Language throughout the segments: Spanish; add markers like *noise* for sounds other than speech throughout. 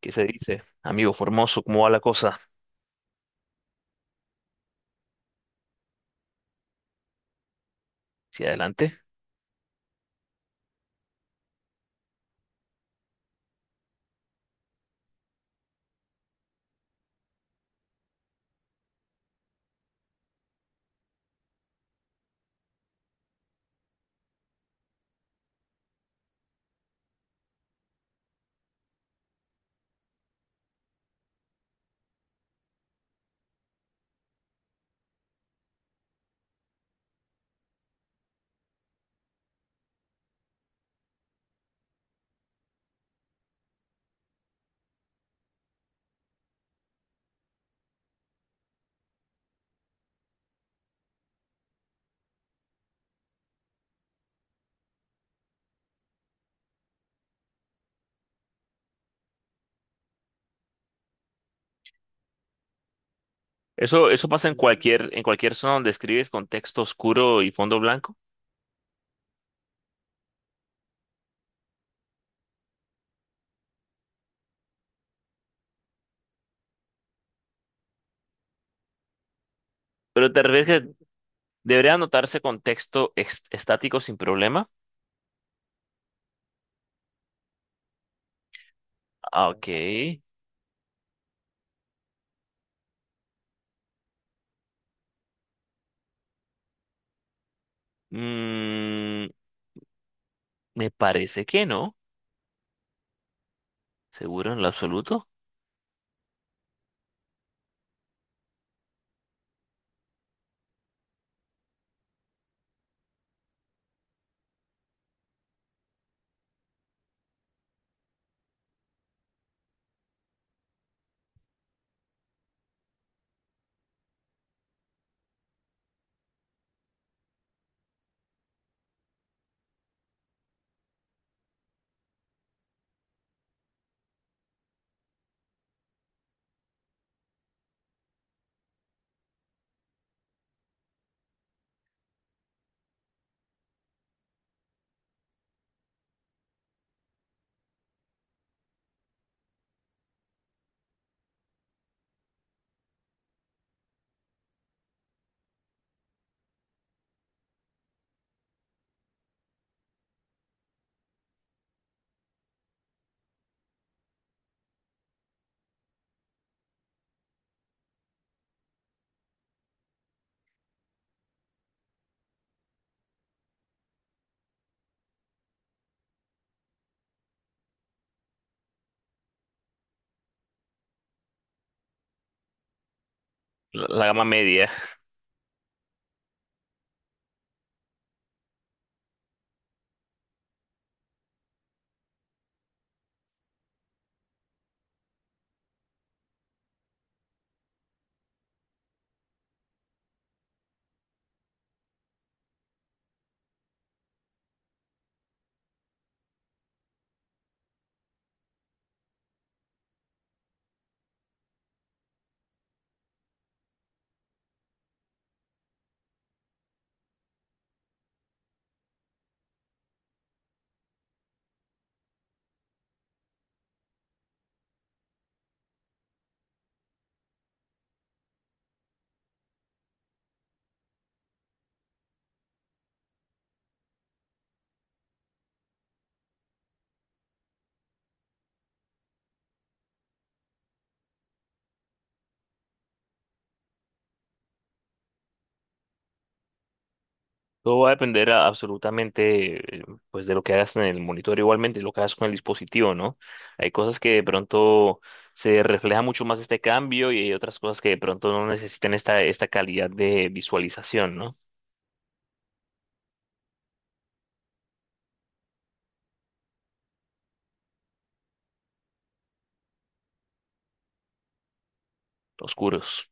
¿Qué se dice? Amigo Formoso, ¿cómo va la cosa? ¿Hacia adelante? Eso pasa en cualquier zona donde escribes con texto oscuro y fondo blanco, pero te refieres que debería anotarse con texto estático sin problema. Ah, ok. Mm, me parece que no, seguro en lo absoluto. La gama media. Todo va a depender absolutamente pues de lo que hagas en el monitor, igualmente lo que hagas con el dispositivo, ¿no? Hay cosas que de pronto se refleja mucho más este cambio y hay otras cosas que de pronto no necesitan esta calidad de visualización, ¿no? Oscuros.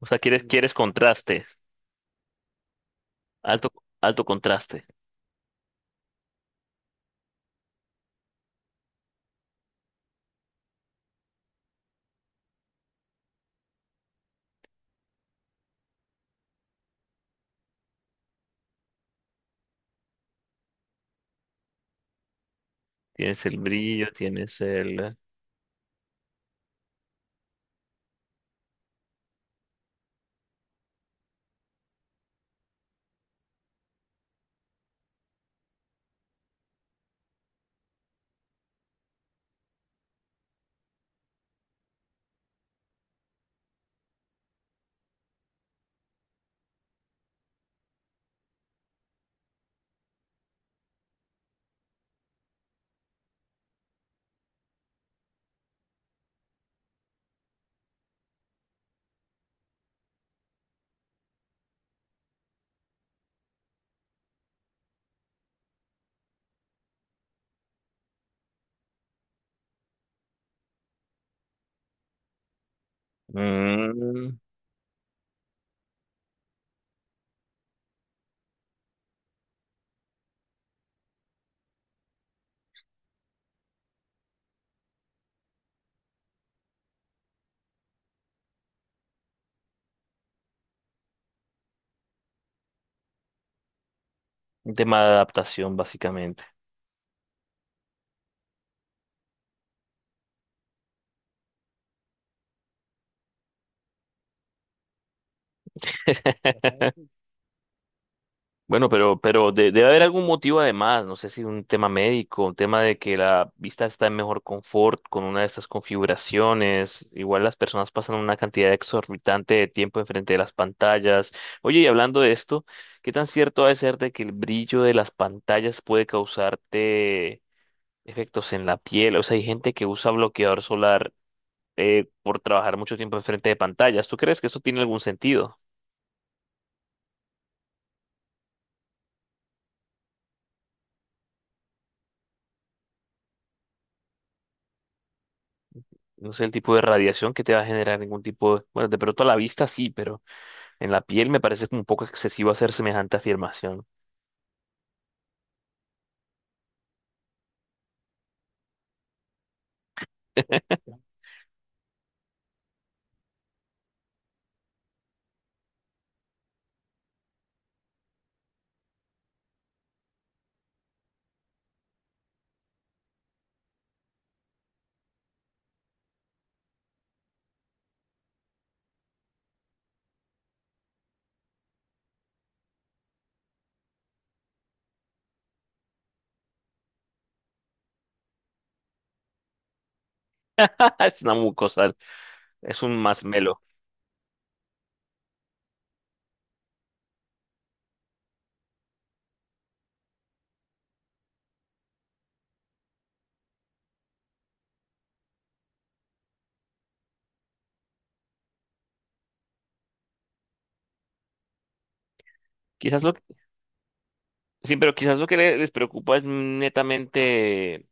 O sea, quieres, quieres contraste, alto, alto contraste. Tienes el brillo, tienes el... mm, un tema de adaptación, básicamente. *laughs* Bueno, pero debe haber algún motivo además, no sé si un tema médico, un tema de que la vista está en mejor confort con una de estas configuraciones. Igual las personas pasan una cantidad exorbitante de tiempo enfrente de las pantallas. Oye, y hablando de esto, ¿qué tan cierto ha de ser de que el brillo de las pantallas puede causarte efectos en la piel? O sea, hay gente que usa bloqueador solar por trabajar mucho tiempo enfrente de pantallas. ¿Tú crees que eso tiene algún sentido? No sé el tipo de radiación que te va a generar ningún tipo de... Bueno, de pronto a la vista sí, pero en la piel me parece como un poco excesivo hacer semejante afirmación. *laughs* Es una mucosa, es un masmelo. Quizás lo que... Sí, pero quizás lo que les preocupa es netamente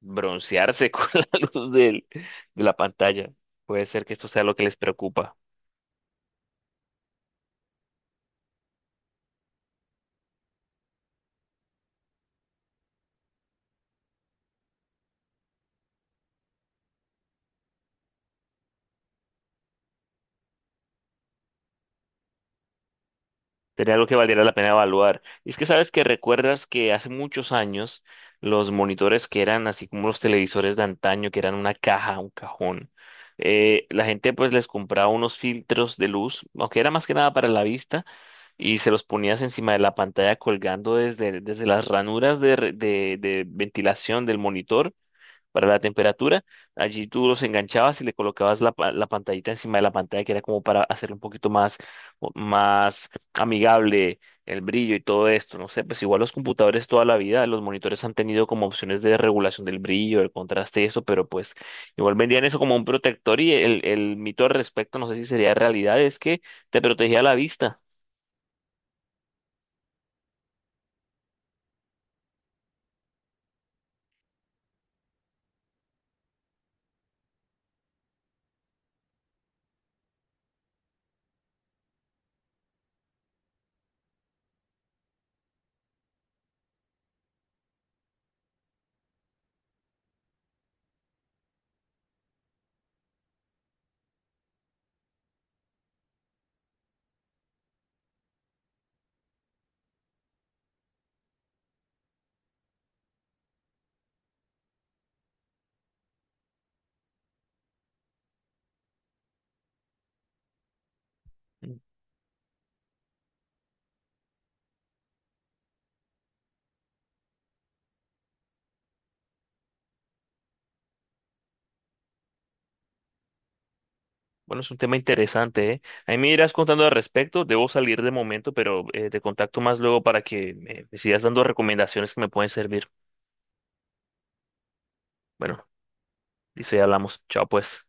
broncearse *laughs* con la luz del- de la pantalla. Puede ser que esto sea lo que les preocupa. Sería algo que valiera la pena evaluar. Y es que sabes que recuerdas que hace muchos años los monitores que eran así como los televisores de antaño, que eran una caja, un cajón, la gente pues les compraba unos filtros de luz, aunque era más que nada para la vista, y se los ponías encima de la pantalla colgando desde las ranuras de, de ventilación del monitor para la temperatura. Allí tú los enganchabas y le colocabas la, la pantallita encima de la pantalla, que era como para hacerlo un poquito más, más amigable el brillo y todo esto. No sé, pues igual los computadores toda la vida, los monitores han tenido como opciones de regulación del brillo, el contraste y eso, pero pues igual vendían eso como un protector y el mito al respecto, no sé si sería realidad, es que te protegía la vista. Bueno, es un tema interesante, ¿eh? Ahí me irás contando al respecto. Debo salir de momento, pero te contacto más luego para que me sigas dando recomendaciones que me pueden servir. Bueno, dice, hablamos. Chao, pues.